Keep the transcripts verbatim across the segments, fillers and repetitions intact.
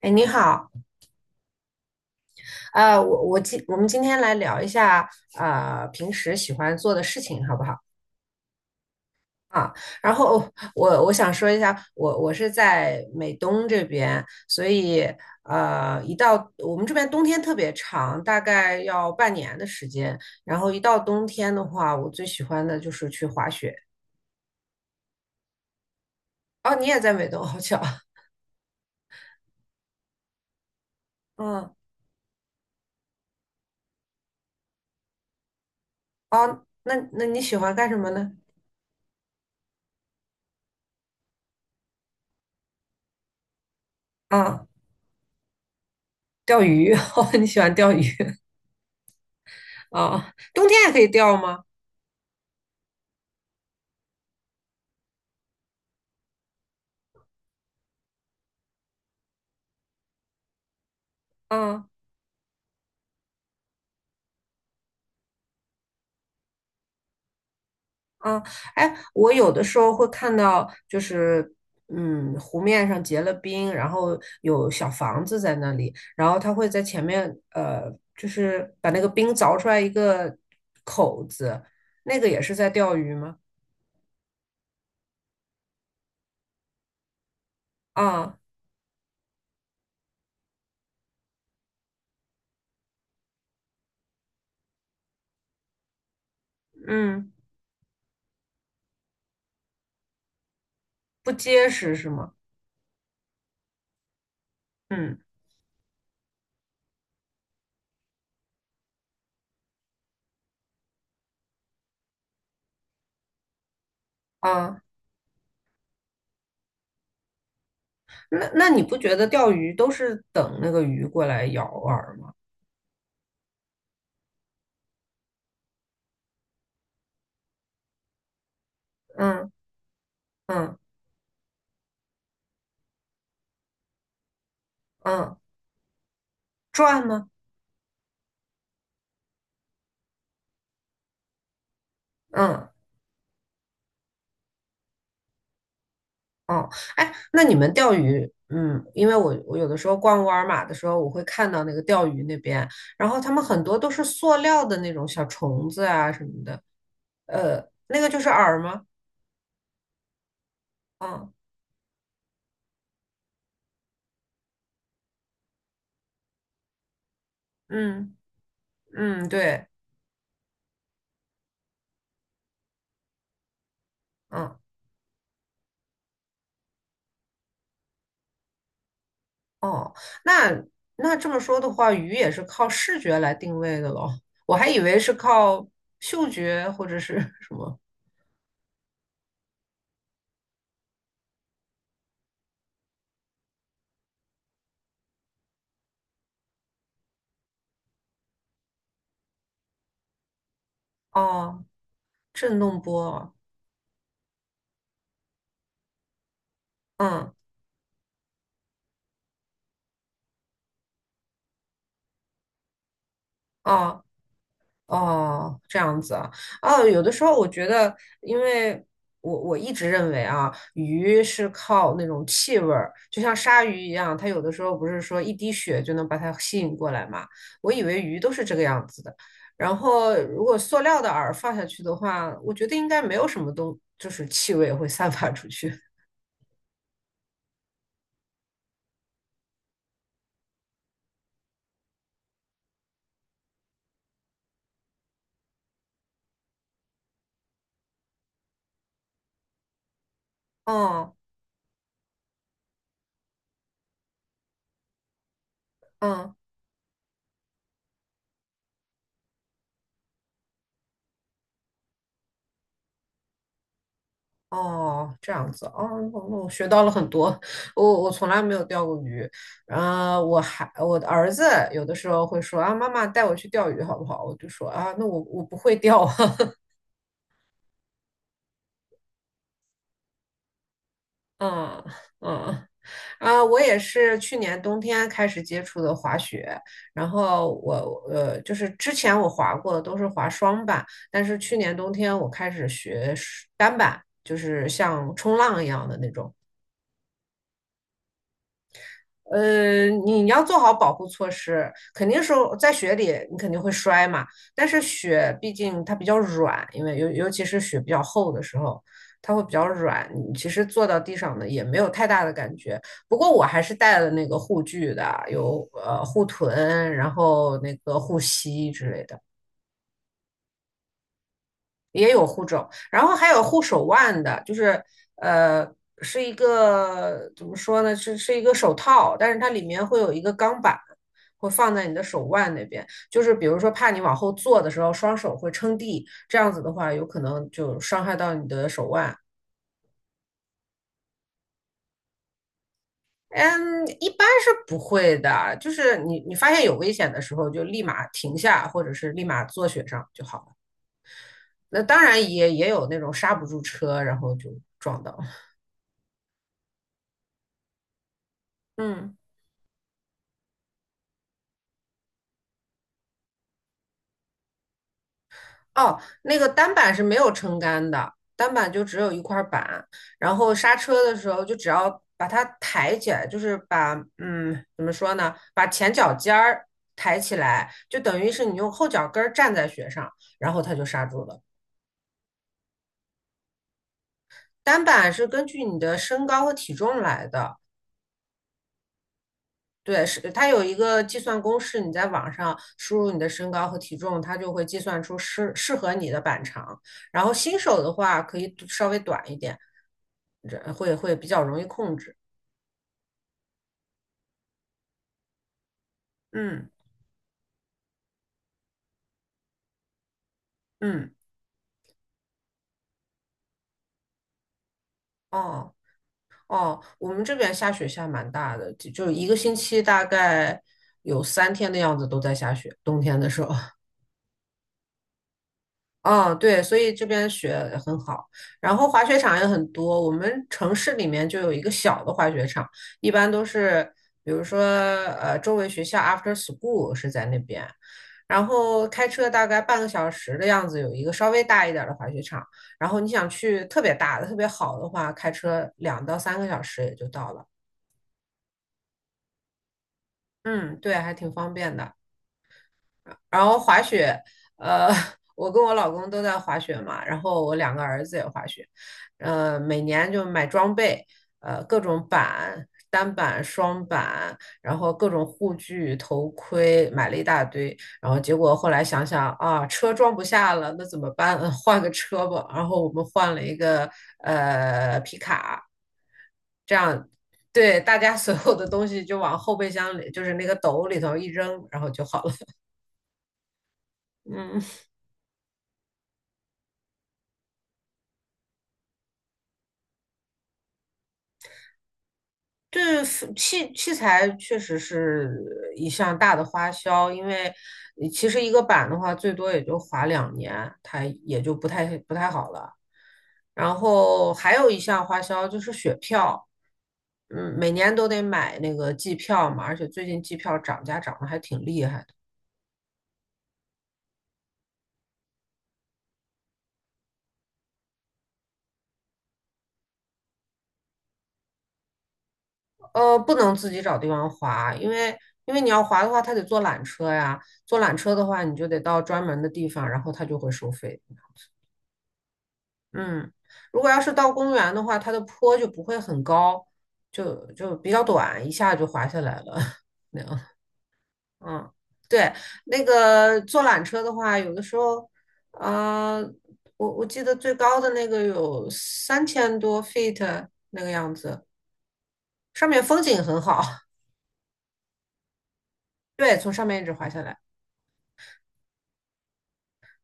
哎，你好。呃，我我今我们今天来聊一下，呃，平时喜欢做的事情，好不好？啊，然后我我想说一下，我我是在美东这边，所以呃，一到我们这边冬天特别长，大概要半年的时间，然后一到冬天的话，我最喜欢的就是去滑雪。哦，你也在美东，好巧。嗯。哦，那那你喜欢干什么呢？啊，钓鱼。哦，你喜欢钓鱼啊。哦，冬天也可以钓吗？嗯嗯。哎，我有的时候会看到，就是嗯，湖面上结了冰，然后有小房子在那里，然后他会在前面，呃，就是把那个冰凿出来一个口子，那个也是在钓鱼吗？啊，嗯，不结实是吗？嗯，啊，那那你不觉得钓鱼都是等那个鱼过来咬饵吗？嗯嗯嗯，转吗？嗯。哦，哎，那你们钓鱼，嗯，因为我我有的时候逛沃尔玛的时候，我会看到那个钓鱼那边，然后他们很多都是塑料的那种小虫子啊什么的，呃，那个就是饵吗？嗯嗯嗯，对，嗯，哦，那那这么说的话，鱼也是靠视觉来定位的咯，我还以为是靠嗅觉或者是什么。哦，震动波啊。嗯，哦哦，这样子啊。哦，有的时候我觉得，因为我我一直认为啊，鱼是靠那种气味儿，就像鲨鱼一样，它有的时候不是说一滴血就能把它吸引过来嘛，我以为鱼都是这个样子的。然后如果塑料的饵放下去的话，我觉得应该没有什么东，就是气味会散发出去。哦。嗯。哦，这样子哦，我我学到了很多。我我从来没有钓过鱼，然后我还我的儿子有的时候会说啊，妈妈带我去钓鱼好不好？我就说啊，那我我不会钓啊。嗯嗯啊，我也是去年冬天开始接触的滑雪，然后我呃就是之前我滑过的都是滑双板，但是去年冬天我开始学单板，就是像冲浪一样的那种。呃，你要做好保护措施，肯定是在雪里你肯定会摔嘛。但是雪毕竟它比较软，因为尤尤其是雪比较厚的时候，它会比较软。你其实坐到地上呢也没有太大的感觉。不过我还是带了那个护具的，有呃护臀，然后那个护膝之类的。然后还有护手腕的，就是呃，是一个怎么说呢？是是一个手套，但是它里面会有一个钢板，会放在你的手腕那边，就是比如说怕你往后坐的时候双手会撑地，这样子的话有可能就伤害到你的手腕。嗯，一般是不会的，就是你你发现有危险的时候就立马停下，或者是立马坐雪上就好了。那当然也也有那种刹不住车，然后就撞到了。嗯。哦，那个单板是没有撑杆的，单板就只有一块板，然后刹车的时候就只要把它抬起来，就是把嗯怎么说呢，把前脚尖儿抬起来，就等于是你用后脚跟儿站在雪上，然后它就刹住了。单板是根据你的身高和体重来的。对，是它有一个计算公式，你在网上输入你的身高和体重，它就会计算出适适合你的板长。然后新手的话，可以稍微短一点，这会会比较容易控制。嗯嗯，哦哦，我们这边下雪下蛮大的，就就一个星期大概有三天的样子都在下雪，冬天的时候。嗯，对，所以这边雪很好，然后滑雪场也很多。我们城市里面就有一个小的滑雪场，一般都是，比如说，呃，周围学校 after school 是在那边，然后开车大概半个小时的样子，有一个稍微大一点儿的滑雪场。然后你想去特别大的、特别好的话，开车两到三个小时也就到了。嗯，对，还挺方便的。然后滑雪，呃，我跟我老公都在滑雪嘛，然后我两个儿子也滑雪，呃，每年就买装备，呃，各种板、单板、双板，然后各种护具、头盔，买了一大堆，然后结果后来想想啊，车装不下了，那怎么办？呃换个车吧。然后我们换了一个呃皮卡，这样。对，大家所有的东西就往后备箱里，就是那个斗里头一扔，然后就好了。嗯。对，服器器材确实是一项大的花销，因为你其实一个板的话，最多也就划两年，它也就不太不太好了。然后还有一项花销就是雪票，嗯，每年都得买那个季票嘛，而且最近季票涨价涨得还挺厉害的。呃，不能自己找地方滑，因为因为你要滑的话，他得坐缆车呀，坐缆车的话，你就得到专门的地方，然后他就会收费。嗯，如果要是到公园的话，它的坡就不会很高，就就比较短，一下就滑下来了。那样，嗯，对，那个坐缆车的话，有的时候，呃，我我记得最高的那个有三千多 feet 那个样子，上面风景很好。对，从上面一直滑下来。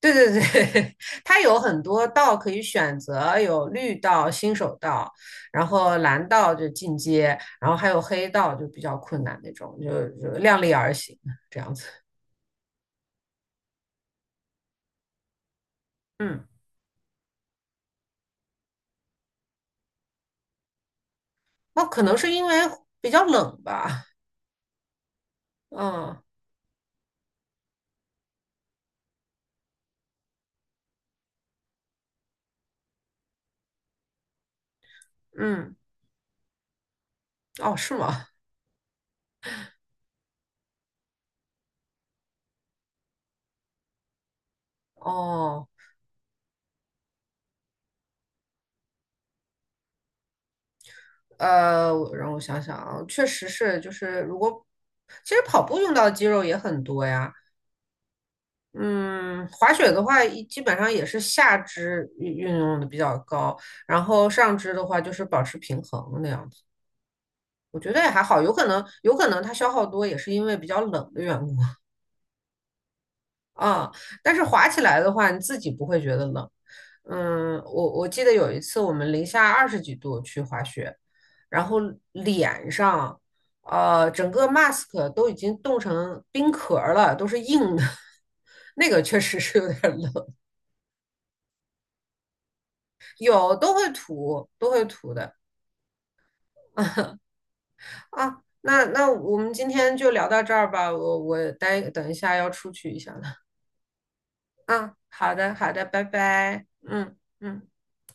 对对对，它有很多道可以选择，有绿道、新手道，然后蓝道就进阶，然后还有黑道就比较困难那种，就就量力而行这样子。嗯，那可能是因为比较冷吧。嗯嗯，哦，是吗？哦，呃，我让我想想啊，确实是，就是如果其实跑步用到的肌肉也很多呀。嗯，滑雪的话，一基本上也是下肢运运用的比较高，然后上肢的话就是保持平衡那样子。我觉得也还好，有可能有可能它消耗多也是因为比较冷的缘故。 啊。但是滑起来的话，你自己不会觉得冷。嗯，我我记得有一次我们零下二十几度去滑雪，然后脸上呃整个 mask 都已经冻成冰壳儿了，都是硬的。那个确实是有点冷。有都会涂，都会涂的啊。那那我们今天就聊到这儿吧，我我待等一下要出去一下了啊。好的好的，拜拜，嗯嗯。